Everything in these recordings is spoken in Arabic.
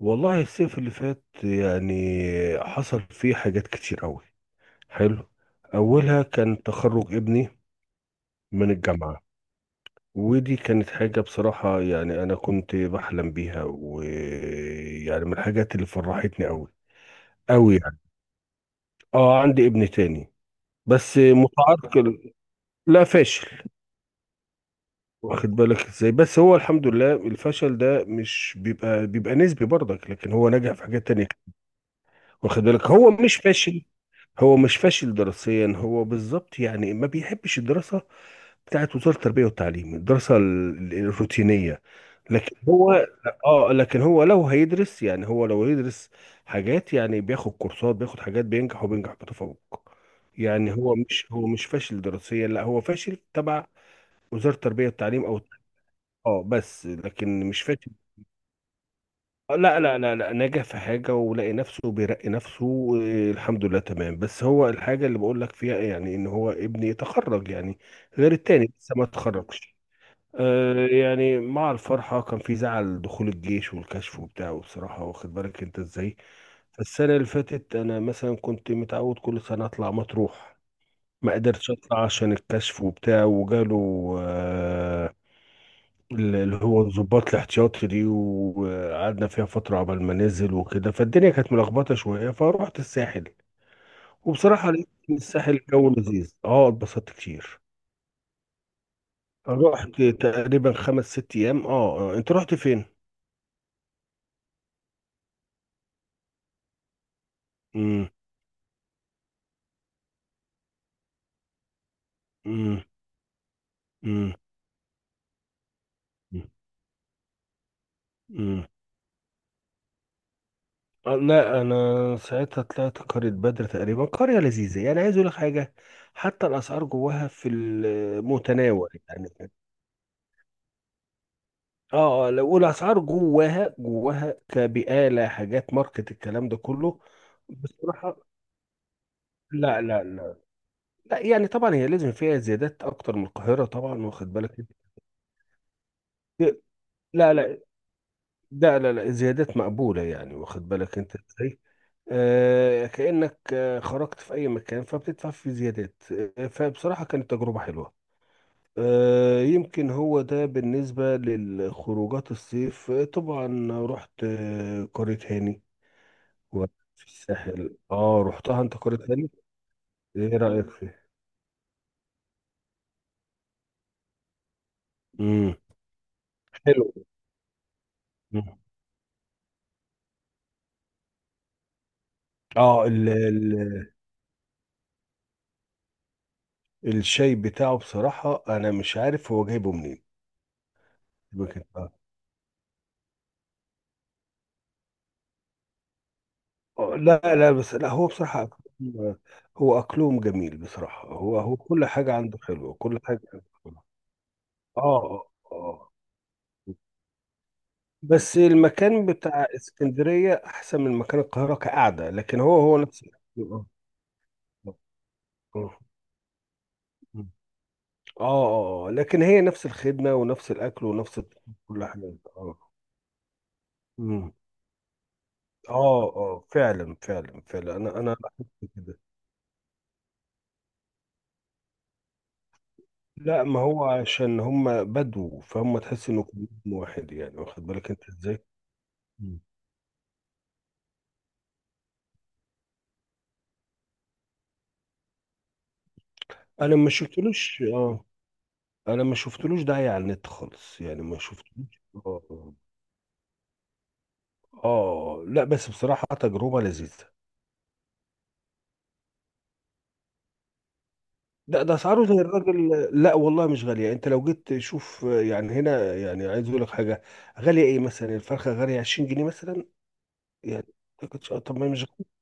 والله الصيف اللي فات، يعني حصل فيه حاجات كتير قوي. حلو. اولها كان تخرج ابني من الجامعة. ودي كانت حاجة بصراحة، يعني انا كنت بحلم بيها، ويعني من الحاجات اللي فرحتني قوي قوي يعني. اه، عندي ابن تاني بس متعرق. لا، فاشل. واخد بالك ازاي؟ بس هو الحمد لله الفشل ده مش بيبقى نسبي برضك، لكن هو نجح في حاجات تانية. واخد بالك، هو مش فاشل. هو مش فاشل دراسيا، هو بالظبط يعني ما بيحبش الدراسة بتاعت وزارة التربية والتعليم، الدراسة الروتينية. لكن هو اه لكن هو لو هيدرس، يعني هو لو يدرس حاجات، يعني بياخد كورسات، بياخد حاجات، بينجح وبينجح بتفوق. يعني هو مش فاشل دراسيا، لا هو فاشل تبع وزارة التربية والتعليم او. اه، بس لكن مش فاشل. لا، لا، لا، لا، نجح في حاجة ولقي نفسه بيرقي نفسه. آه، الحمد لله تمام. بس هو الحاجة اللي بقول لك فيها، يعني ان هو ابني تخرج يعني، غير التاني لسه ما تخرجش. آه، يعني مع الفرحة كان في زعل، دخول الجيش والكشف وبتاعه بصراحة. واخد بالك انت ازاي؟ فالسنة اللي فاتت انا مثلا كنت متعود كل سنة اطلع مطروح. ما قدرتش اطلع عشان الكشف وبتاع وجاله اللي هو الضباط الاحتياطي دي، وقعدنا فيها فترة عبال ما ننزل وكده، فالدنيا كانت ملخبطة شوية، فروحت الساحل. وبصراحة لقيت إن الساحل جو لذيذ، اتبسطت كتير. رحت تقريبا خمس ست أيام. انت رحت فين؟ مم. مم. مم. مم. آه، لا، انا ساعتها طلعت قرية بدر. تقريبا قرية لذيذة، يعني عايز اقول لك حاجة، حتى الاسعار جواها في المتناول يعني. اه لو اقول اسعار جواها كبقاله، حاجات ماركت، الكلام ده كله. بصراحه، لا، لا، لا، لا، يعني طبعا هي لازم فيها زيادات اكتر من القاهره طبعا، واخد بالك انت. لا، لا، ده لا، لا زيادات مقبوله يعني، واخد بالك انت ازاي؟ آه، كانك خرجت في اي مكان، فبتدفع في زيادات. آه، فبصراحه كانت تجربه حلوه. آه، يمكن هو ده بالنسبة للخروجات الصيف. طبعا رحت قرية هاني، وقت في الساحل. اه رحتها انت قرية تاني؟ ايه رأيك فيه؟ امم. حلو. مم. اه ال ال الشاي بتاعه بصراحة انا مش عارف هو جايبه منين. ممكن. اه. آه، لا، لا، بس لا، هو بصراحة أكلهم- هو اكلهم جميل بصراحة. هو كل حاجة عنده حلوة، كل حاجة عنده حلوة. اه اه آه. بس المكان بتاع اسكندرية احسن من مكان القاهرة كقعدة، لكن هو نفس الأكل. آه، آه. آه. لكن هي نفس الخدمة ونفس الأكل ونفس كل حاجة. اه مم. اه فعلا، فعلا، فعلا، أنا لاحظت كده. لا، ما هو عشان هم بدو، فهم تحس إنه كلهم واحد، يعني واخد بالك أنت إزاي؟ مم. أنا ما شفتلوش. اه أنا ما شفتلوش داعي على النت خالص، يعني ما شفتلوش. اه آه. آه. لا، بس بصراحة تجربة لذيذة. ده اسعاره زي الراجل، لا والله مش غاليه. انت لو جيت تشوف يعني هنا، يعني عايز اقول لك حاجه، غاليه ايه؟ مثلا الفرخه غاليه 20 جنيه مثلا يعني. ما كنتش- طب ما هي مش غالية.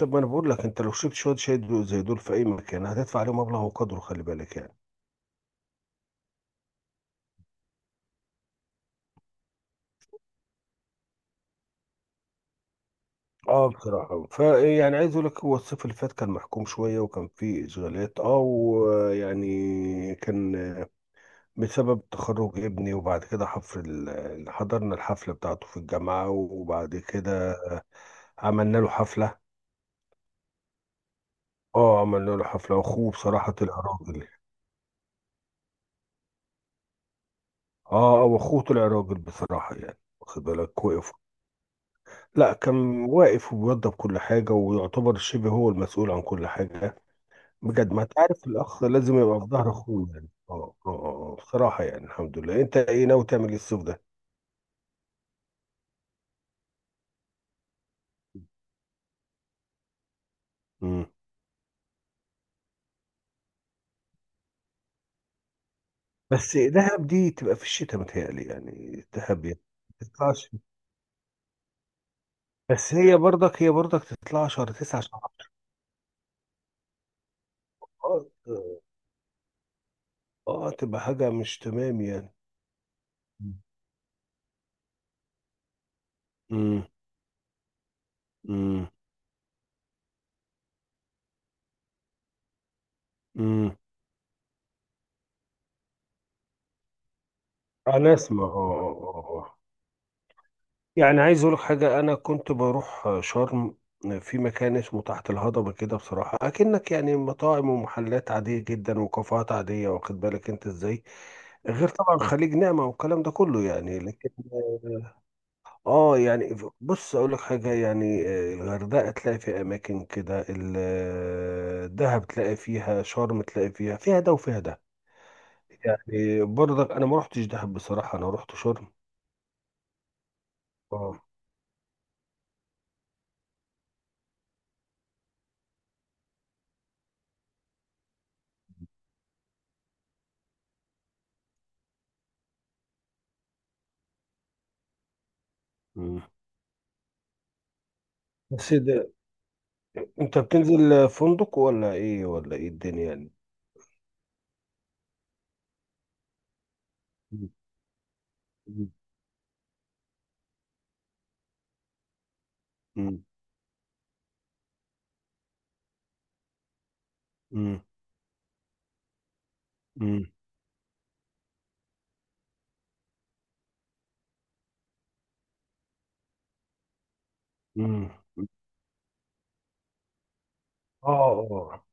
طب ما انا بقول لك، انت لو شربت شويه شاي دول- زي دول في اي مكان هتدفع عليهم مبلغ وقدره، خلي بالك يعني. اه بصراحه فيعني عايز اقول لك، هو الصيف اللي فات كان محكوم شويه، وكان فيه اشغالات، ويعني كان بسبب تخرج ابني. وبعد كده حضرنا الحفله بتاعته في الجامعه، وبعد كده عملنا له حفلة. اه عملنا له حفلة، واخوه بصراحة طلع راجل. اه واخوه طلع راجل بصراحة، يعني واخد بالك، وقف. لا، كان واقف وبيوضب كل حاجة، ويعتبر شبه هو المسؤول عن كل حاجة. بجد، ما تعرف الأخ لازم يبقى في ظهر أخوه يعني. بصراحة يعني الحمد لله. أنت إيه ناوي تعمل إيه الصيف ده؟ مم. بس دهب دي تبقى في الشتاء متهيألي، يعني دهب يعني. ما تطلعش. بس هي برضك تطلع شهر تسعة، شهر عشرة. اه تبقى حاجة مش تمام يعني. مم. امم. امم. امم. انا اسمع. آه. يعني عايز اقول لك حاجة، انا كنت بروح شرم، في مكان اسمه تحت الهضبة كده، بصراحة اكنك يعني مطاعم ومحلات عادية جدا وكافيهات عادية، واخد بالك انت ازاي؟ غير طبعا خليج نعمة والكلام ده كله يعني، لكن آه، يعني بص اقول لك حاجه، يعني الغردقه تلاقي فيها اماكن كده، دهب تلاقي فيها، شرم تلاقي فيها، فيها ده وفيها ده. يعني برضك انا ما رحتش دهب بصراحه، انا رحت شرم. اه. مم. بس ده، انت بتنزل فندق ولا ايه، ولا ايه الدنيا يعني؟ مم. مم. مم. مم. مم. اه اه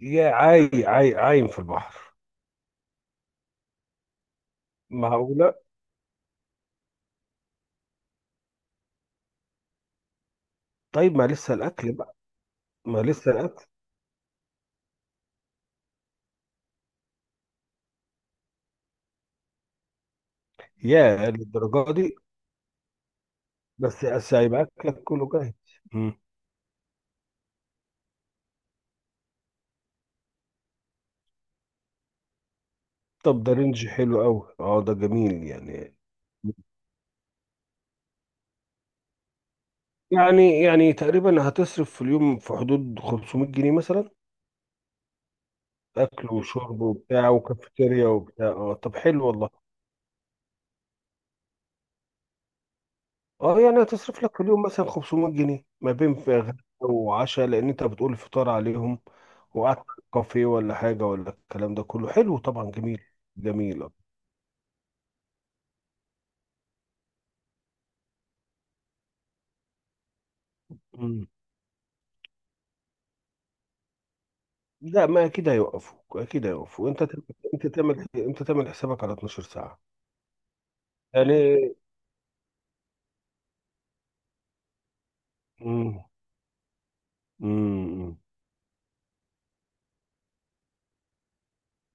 يا عايم في البحر؟ معقولة! طيب، ما لسه الأكل بقى. ما لسه الأكل. يا للدرجة دي! بس هيبقى أكلك كله جاهز. مم. طب ده رينج حلو أوي. اه ده جميل يعني. يعني تقريبا هتصرف في اليوم في حدود 500 جنيه مثلا، اكل وشرب وبتاع وكافيتيريا وبتاع. اه طب حلو والله. اه يعني هتصرف لك في اليوم مثلا 500 جنيه ما بين في غدا وعشاء، لان انت بتقول فطار عليهم، وقعدت في كافيه ولا حاجه، ولا الكلام ده كله. حلو طبعا، جميل. جميل. اه مم. لا، ما اكيد هيوقفوك، اكيد هيوقفوك. انت تعمل- انت تعمل حسابك على 12 ساعه يعني. امم.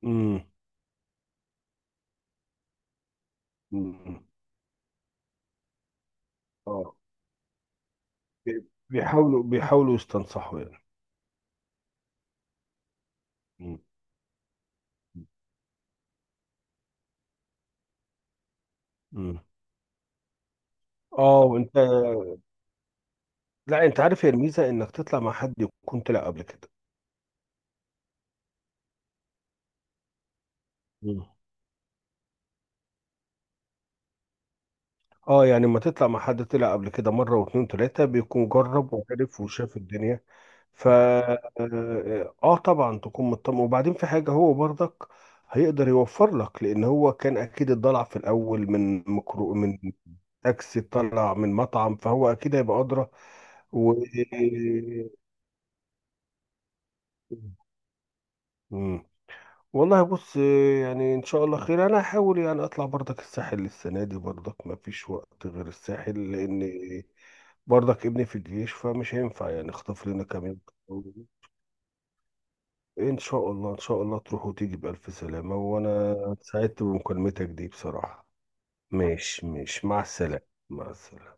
امم. امم. بي- بيحاولوا يستنصحوا يعني. مم. مم. اه وانت. لا، انت عارف هي الميزه انك تطلع مع حد يكون طلع قبل كده. مم. اه يعني لما تطلع مع حد طلع قبل كده مره واتنين تلاته، بيكون جرب وعرف وشاف الدنيا. ف اه آه طبعا تكون مطمئن، وبعدين في حاجه هو برضك هيقدر يوفر لك، لان هو كان اكيد اتضلع في الاول، من مكرو، من تاكسي، طلع من مطعم، فهو اكيد هيبقى ادرى. و. مم. والله بص، يعني ان شاء الله خير. انا هحاول يعني اطلع برضك الساحل السنه دي، برضك ما فيش وقت غير الساحل، لان برضك ابني في الجيش، فمش هينفع يعني، اخطف لنا كام يوم. ان شاء الله، ان شاء الله تروح وتيجي بالف سلامه، وانا سعدت بمكالمتك دي بصراحه. ماشي، ماشي، مع السلامه، مع السلامه.